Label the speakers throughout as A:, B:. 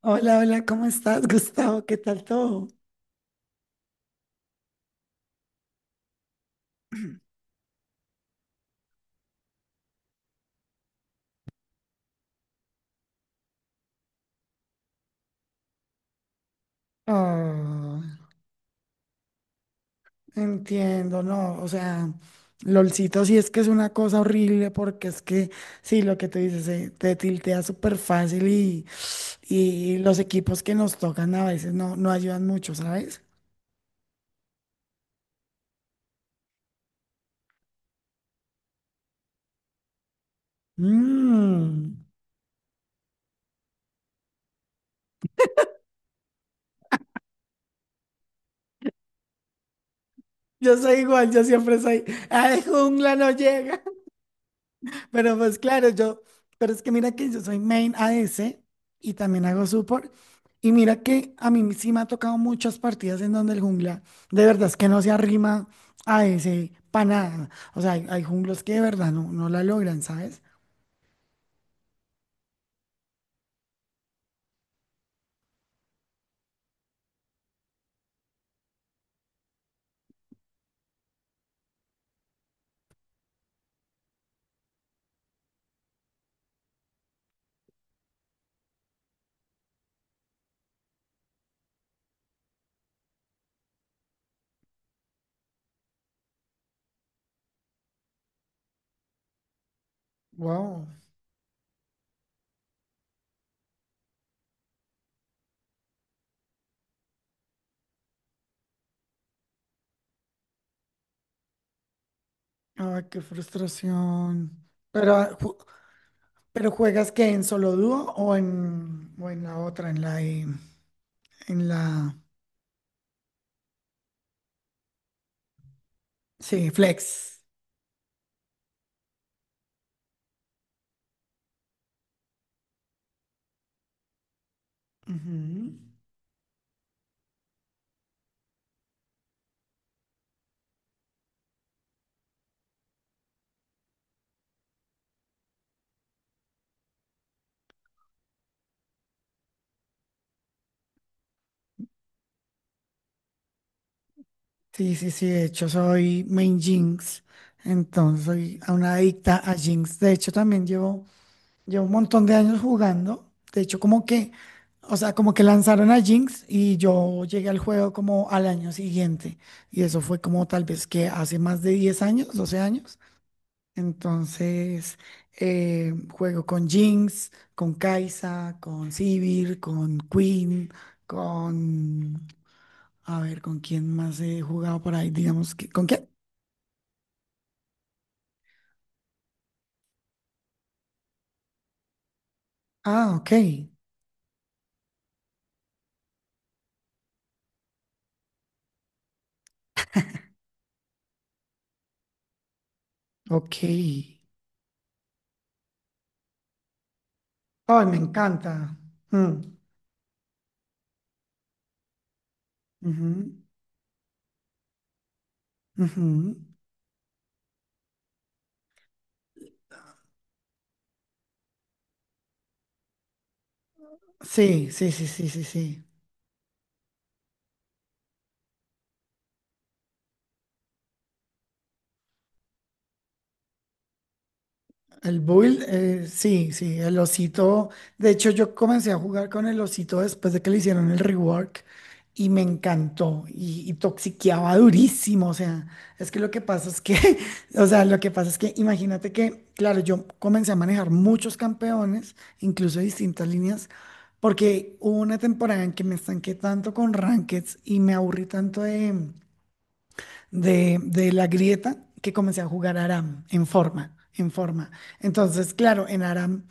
A: Hola, hola, ¿cómo estás, Gustavo? ¿Qué tal todo? Ah, entiendo, no, o sea, LOLcito sí es que es una cosa horrible porque es que, sí, lo que tú dices, te tiltea súper fácil y los equipos que nos tocan a veces no ayudan mucho, ¿sabes? Mm, yo soy igual, yo siempre soy, ah, de jungla no llega. Pero pues claro, pero es que mira que yo soy main ADC y también hago support. Y mira que a mí sí me ha tocado muchas partidas en donde el jungla, de verdad es que no se arrima a ese para nada. O sea, hay junglos que de verdad no la logran, ¿sabes? Wow. Ay, qué frustración. Pero juegas que en solo dúo o en la otra, en la, sí, flex. Ujú. Sí, sí, sí, de hecho soy main Jinx, entonces soy a una adicta a Jinx. De hecho también llevo un montón de años jugando. De hecho como que, o sea, como que lanzaron a Jinx y yo llegué al juego como al año siguiente. Y eso fue como tal vez que hace más de 10 años, 12 años. Entonces, juego con Jinx, con Kaisa, con Sivir, con Queen, con... A ver, ¿con quién más he jugado por ahí? Digamos que... ¿Con qué? Ah, ok, ok. Ay, me encanta. Mm, ujú, ujú. Sí, sí, sí, sí, sí, sí. El Bull, sí, sí, el osito. De hecho, yo comencé a jugar con el osito después de que le hicieron el rework y me encantó y toxiqueaba durísimo. O sea, es que lo que pasa es que, o sea, lo que pasa es que imagínate que, claro, yo comencé a manejar muchos campeones, incluso de distintas líneas, porque hubo una temporada en que me estanqué tanto con rankeds y me aburrí tanto de la grieta que comencé a jugar Aram en forma, en forma. Entonces, claro, en Aram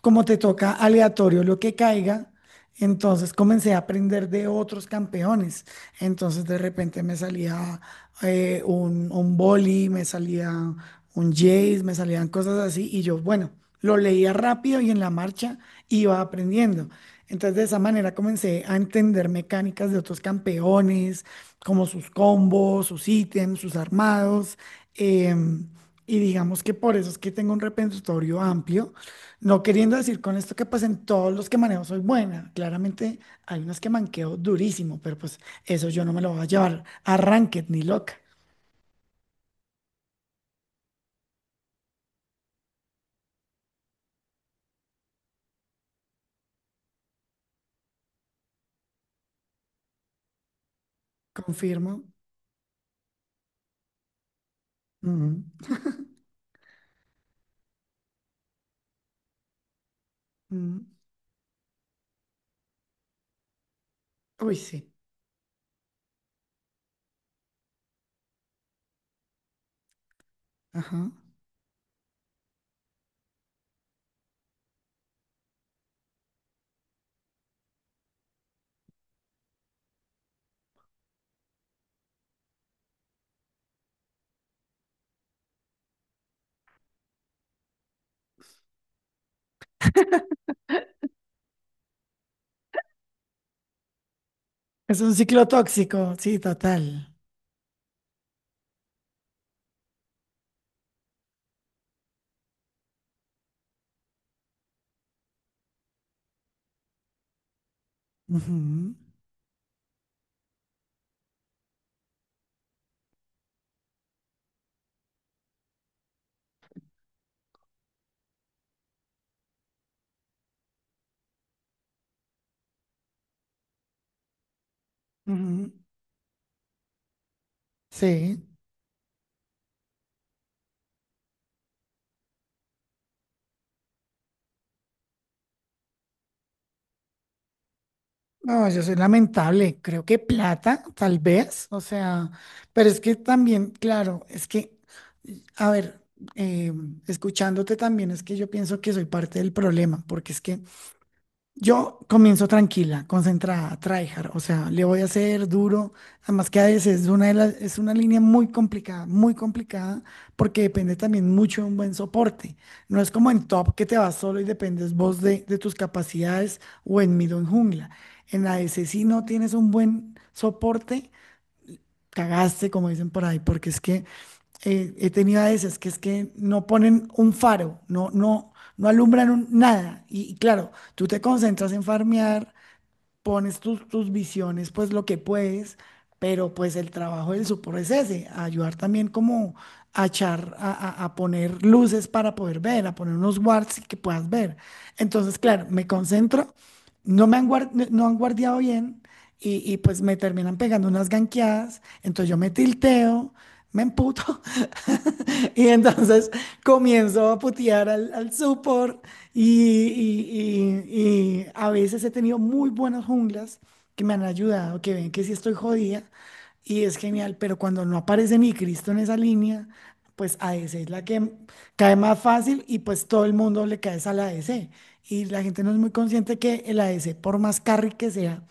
A: como te toca aleatorio lo que caiga, entonces comencé a aprender de otros campeones. Entonces de repente me salía un boli, me salía un Jace, me salían cosas así y yo, bueno, lo leía rápido y en la marcha iba aprendiendo. Entonces de esa manera comencé a entender mecánicas de otros campeones, como sus combos, sus ítems, sus armados. em, y digamos que por eso es que tengo un repertorio amplio no queriendo decir con esto que pues en todos los que manejo soy buena. Claramente hay unos que manqueo durísimo, pero pues eso yo no me lo voy a llevar a Ranked ni loca. Confirmo. Ujú, ujú. Uy, sí. Ajá. Es un ciclo tóxico, sí, total. Ujú, ujú. Sí. No, yo soy lamentable. Creo que plata, tal vez. O sea, pero es que también, claro, es que, a ver, eh, escuchándote también es que yo pienso que soy parte del problema, porque es que yo comienzo tranquila, concentrada, tryhard, o sea, le voy a hacer duro, además que a veces es una línea muy complicada, porque depende también mucho de un buen soporte. No es como en top que te vas solo y dependes vos de tus capacidades o en mid o en jungla. En ADC si no tienes un buen soporte, cagaste, como dicen por ahí, porque es que he tenido a esas, que es que no ponen un faro, no alumbran nada. Y claro, tú te concentras en farmear, pones tus visiones, pues lo que puedes, pero pues el trabajo del supor es ese, ayudar también como a echar, a poner luces para poder ver, a poner unos wards y que puedas ver. Entonces, claro, me concentro, no han guardiado bien. Y pues me terminan pegando unas ganqueadas, entonces yo me tilteo, me emputo Y entonces comienzo a putear al support y, y a veces he tenido muy buenas junglas que me han ayudado, que ven que sí estoy jodida y es genial, pero cuando no aparece ni Cristo en esa línea, pues ADC es la que cae más fácil y pues todo el mundo le cae a la ADC. Y la gente no es muy consciente que el ADC, por más carry que sea,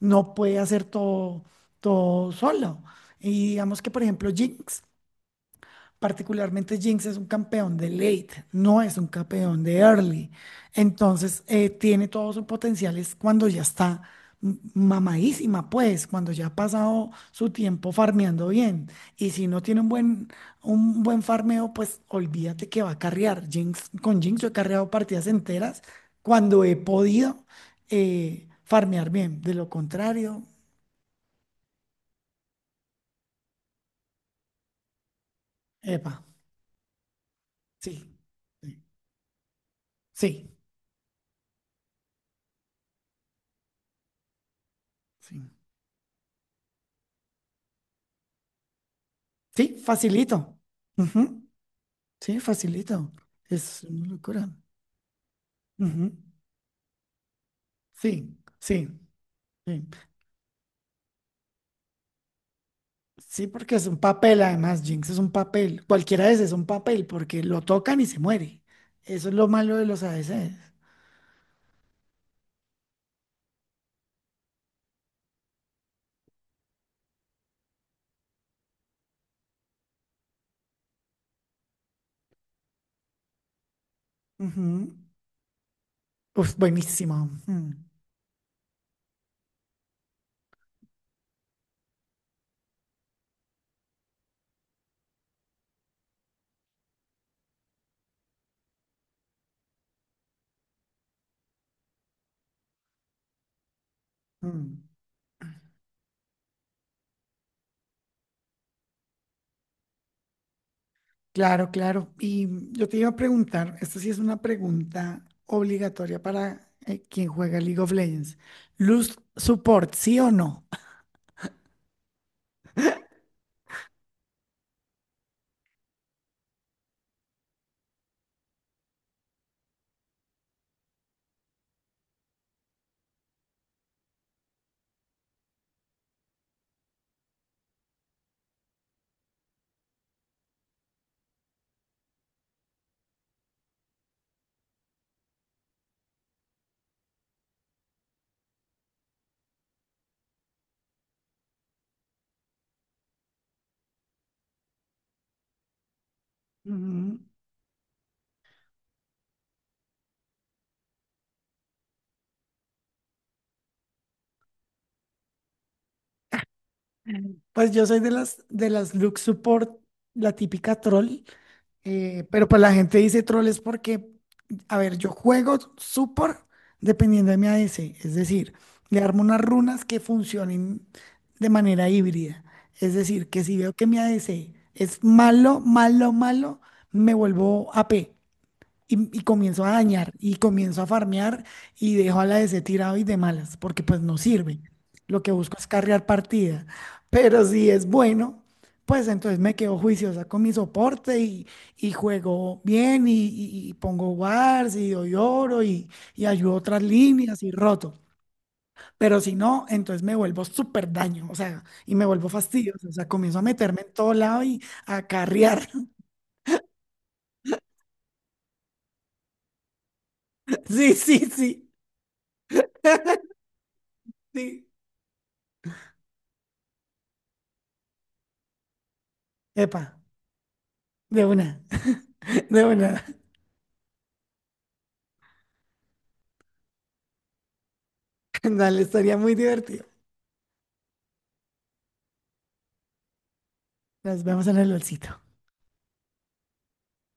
A: no puede hacer todo, todo solo. Y digamos que, por ejemplo, Jinx. Particularmente Jinx es un campeón de late, no es un campeón de early. Entonces, tiene todo su potencial es cuando ya está mamadísima, pues, cuando ya ha pasado su tiempo farmeando bien. Y si no tiene un buen farmeo, pues olvídate que va a carrear. Jinx, con Jinx yo he carreado partidas enteras cuando he podido farmear bien. De lo contrario, epa, sí, sí, sí. Sí. Sí, facilito. Ujú. Sí, facilito. Es una locura. Ujú. Sí, sí, sí. Sí, porque es un papel, además, Jinx es un papel. Cualquiera de ese es un papel, porque lo tocan y se muere. Eso es lo malo de los ADCs. Ujú. Uf, buenísimo. Mm, mm. Claro, claro. Y yo te iba a preguntar, esta sí es una pregunta obligatoria para quien juega League of Legends. ¿Luz support, sí o no? Pues yo soy de las look support, la típica troll, pero pues la gente dice troll es porque, a ver, yo juego support dependiendo de mi ADC, es decir, le armo unas runas que funcionen de manera híbrida, es decir, que si veo que mi ADC es malo, malo, malo, me vuelvo AP, y comienzo a dañar y comienzo a farmear y dejo a la DC tirado y de malas, porque pues no sirve. Lo que busco es carrear partida. Pero si es bueno, pues entonces me quedo juiciosa con mi soporte y juego bien y pongo wars y doy oro y ayudo otras líneas y roto. Pero si no, entonces me vuelvo súper daño, o sea, y me vuelvo fastidioso, o sea, comienzo a meterme en todo lado y a carrear. Sí, sí, sí, sí. Epa, de una. De una. Dale, estaría muy divertido. Nos vemos en el olcito.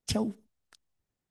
A: Chau.